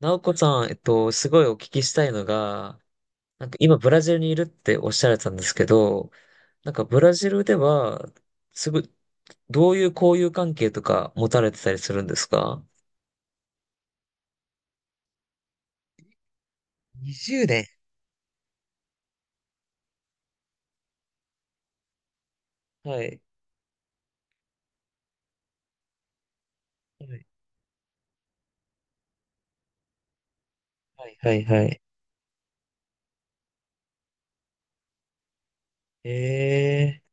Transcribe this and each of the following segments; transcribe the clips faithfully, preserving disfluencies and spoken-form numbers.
なおこさん、えっと、すごいお聞きしたいのが、なんか今ブラジルにいるっておっしゃられてたんですけど、なんかブラジルでは、すぐ、どういう交友関係とか持たれてたりするんですか？にじゅうねん。はい。はい。はい。はい。はい。ええ、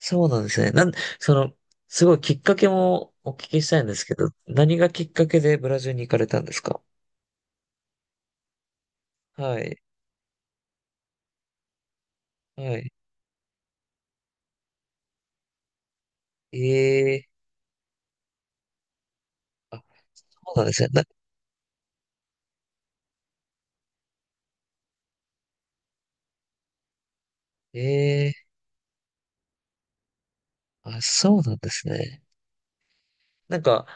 そうなんですね。なん、その、すごいきっかけもお聞きしたいんですけど、何がきっかけでブラジルに行かれたんですか？はい。はい。ええ、あ、そうなんですね。な、えあ、そうなんですね。なんか、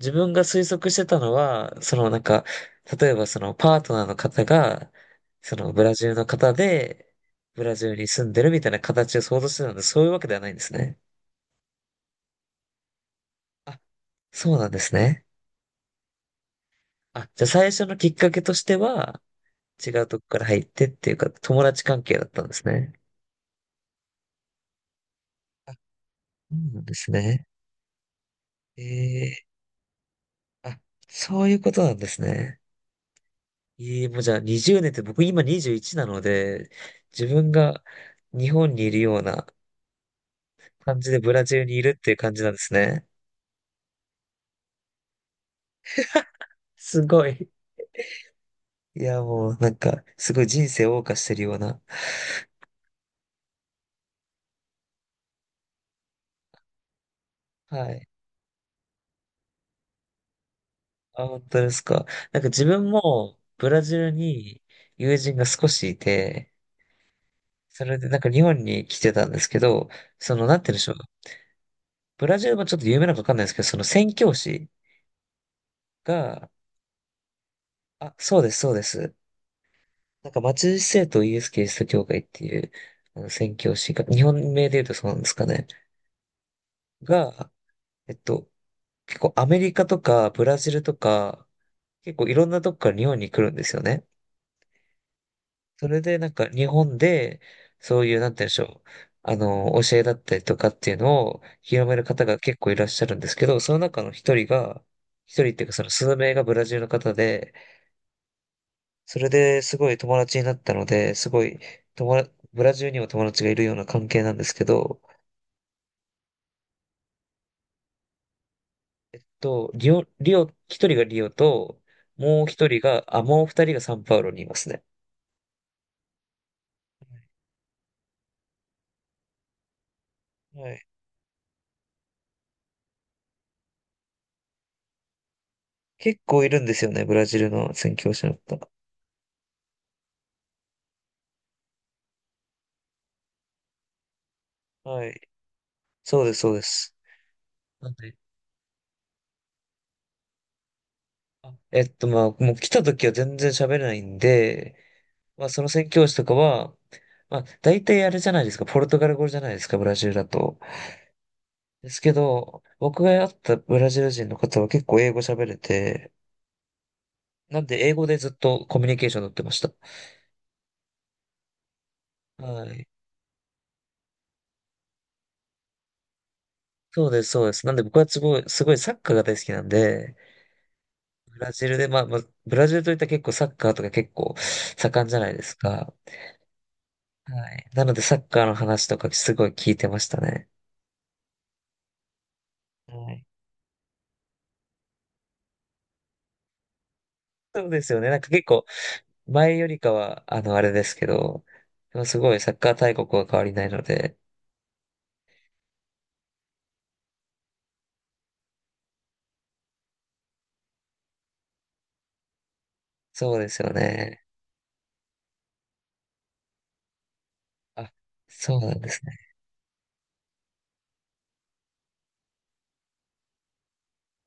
自分が推測してたのは、そのなんか、例えばそのパートナーの方が、そのブラジルの方で、ブラジルに住んでるみたいな形を想像してたので、そういうわけではないんですね。あ、そうなんですね。あ、じゃあ最初のきっかけとしては、違うとこから入ってっていうか、友達関係だったんですね。あ、そうなんですね。ええ、あ、そういうことなんですね。ええ、もうじゃあにじゅうねんって僕今にじゅういちなので、自分が日本にいるような感じでブラジルにいるっていう感じなんですね。すごい。いや、もうなんか、すごい人生を謳歌してるような。はい。あ、本当ですか。なんか自分もブラジルに友人が少しいて、それでなんか日本に来てたんですけど、その、なんて言うんでしょう。ブラジルもちょっと有名なのかわかんないですけど、その宣教師が、あ、そうです、そうです。なんか松シ聖とイエス・キリスト教会っていう、あの、宣教師が、日本名で言うとそうなんですかね。が、えっと、結構アメリカとかブラジルとか、結構いろんなとこから日本に来るんですよね。それでなんか日本で、そういう、なんて言うんでしょう。あの、教えだったりとかっていうのを広める方が結構いらっしゃるんですけど、その中の一人が、一人っていうかその数名がブラジルの方で、それですごい友達になったので、すごい友達、ブラジルにも友達がいるような関係なんですけど、と、リオ、リオ、一人がリオと、もう一人が、あ、もう二人がサンパウロにいますね。はい。結構いるんですよね、ブラジルの宣教師の方。はい。そうです、そうです。なんで、あ、えっと、まあ、もう来た時は全然喋れないんで、まあ、その宣教師とかは、まあ、大体あれじゃないですか、ポルトガル語じゃないですか、ブラジルだと。ですけど、僕が会ったブラジル人の方は結構英語喋れて、なんで英語でずっとコミュニケーション取ってました。はい。そうです、そうです。なんで僕はすごい、すごいサッカーが大好きなんで、ブラジルで、まあ、まあ、ブラジルといったら結構サッカーとか結構盛んじゃないですか。はい。なのでサッカーの話とかすごい聞いてましたね。はい。そうですよね。なんか結構前よりかは、あの、あれですけど、でもすごいサッカー大国は変わりないので、そうですよね。あ、そうなんですね。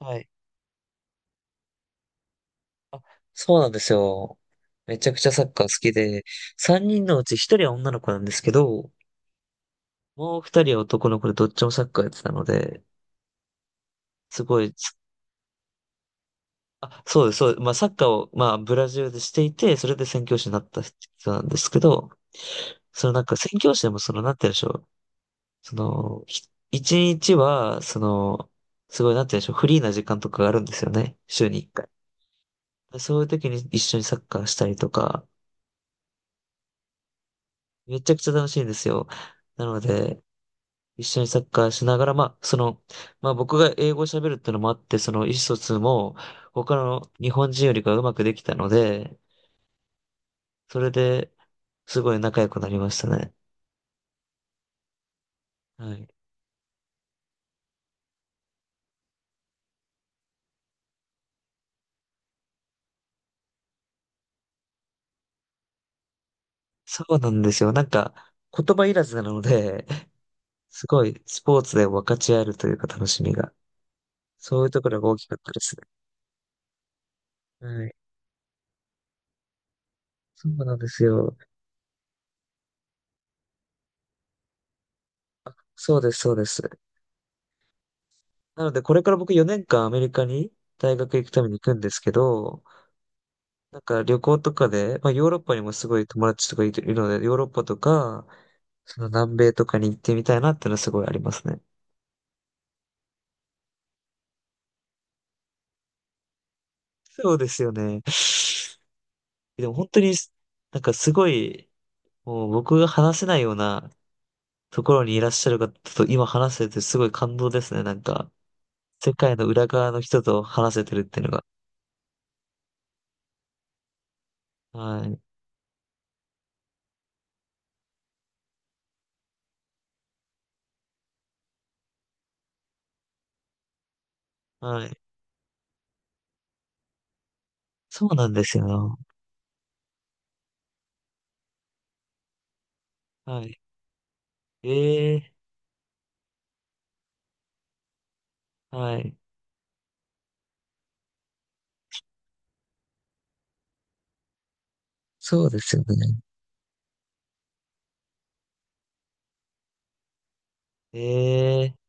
はい。あ、そうなんですよ。めちゃくちゃサッカー好きで、さんにんのうちひとりは女の子なんですけど、もうふたりは男の子でどっちもサッカーやってたので、すごい、あ、そうです、そうです。まあサッカーを、まあブラジルでしていて、それで宣教師になった人なんですけど、そのなんか宣教師でもその、なんて言うんでしょう。その、ひ一日は、その、すごい、なんて言うんでしょう。フリーな時間とかがあるんですよね。週に一回。でそういう時に一緒にサッカーしたりとか、めちゃくちゃ楽しいんですよ。なので、一緒にサッカーしながら、まあ、その、まあ僕が英語を喋るってのもあって、その意思疎通も他の日本人よりかうまくできたので、それですごい仲良くなりましたね。はい。そうなんですよ。なんか言葉いらずなので、すごいスポーツで分かち合えるというか楽しみが。そういうところが大きかったですね。はい。そうなんですよ。そうです、そうです。なので、これから僕よねんかんアメリカに大学行くために行くんですけど、なんか旅行とかで、まあヨーロッパにもすごい友達とかいるので、ヨーロッパとか、その南米とかに行ってみたいなっていうのはすごいありますね。そうですよね。でも本当に、なんかすごい、もう僕が話せないようなところにいらっしゃる方と今話せてすごい感動ですね。なんか、世界の裏側の人と話せてるっていうのが。はい。はい。そうなんですよ。はい。ええ。はい。そうですよね。ええ。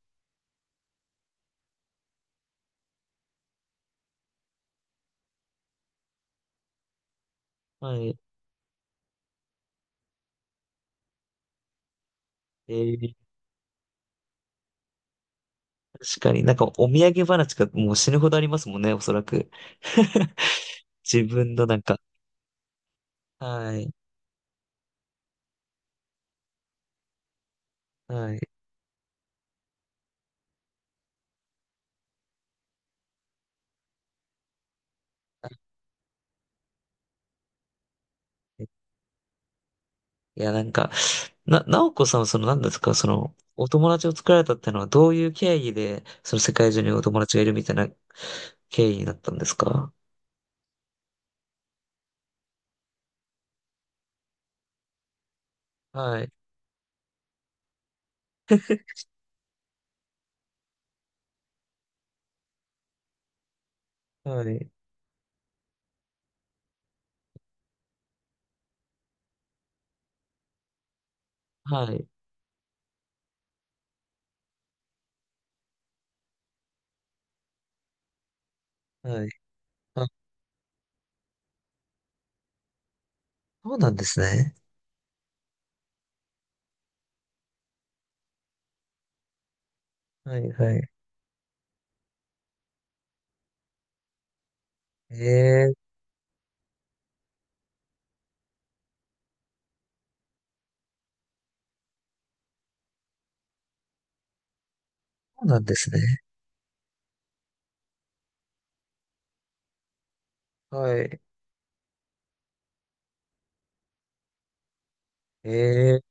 はい。ええ。確かになんかお土産話がもう死ぬほどありますもんね、おそらく。自分のなんか、はい、はい。いや、なんか、な、なおこさんはその何ですか、その、お友達を作られたってのはどういう経緯で、その世界中にお友達がいるみたいな経緯になったんですか？はい、はい、はい、はい。あ、そうなんですね。はい、はい。ええ、そうなんですね。はい。ええ、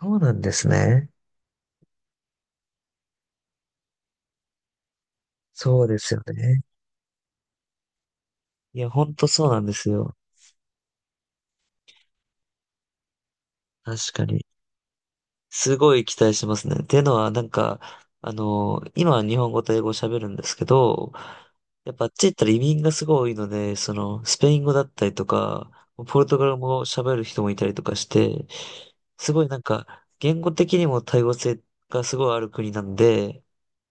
そうなんですね。そうですよね。いや、ほんとそうなんですよ。確かに。すごい期待しますね。っていうのは、なんか、あの、今は日本語と英語を喋るんですけど、やっぱあっち行ったら移民がすごい多いので、その、スペイン語だったりとか、ポルトガル語を喋る人もいたりとかして、すごいなんか、言語的にも多様性がすごいある国なんで、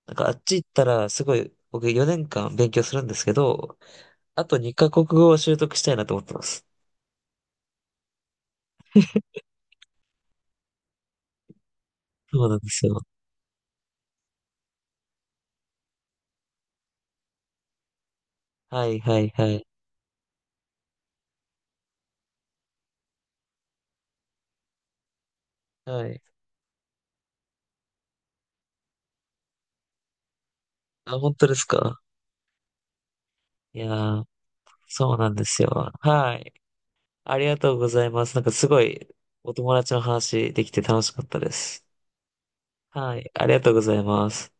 なんかあっち行ったら、すごい、僕よねんかん勉強するんですけど、あとにカ国語を習得したいなと思ってます。そうなんですよ。はいはいはい。はい。あ、本当ですか？いやー。そうなんですよ。はい。ありがとうございます。なんかすごいお友達の話できて楽しかったです。はい。ありがとうございます。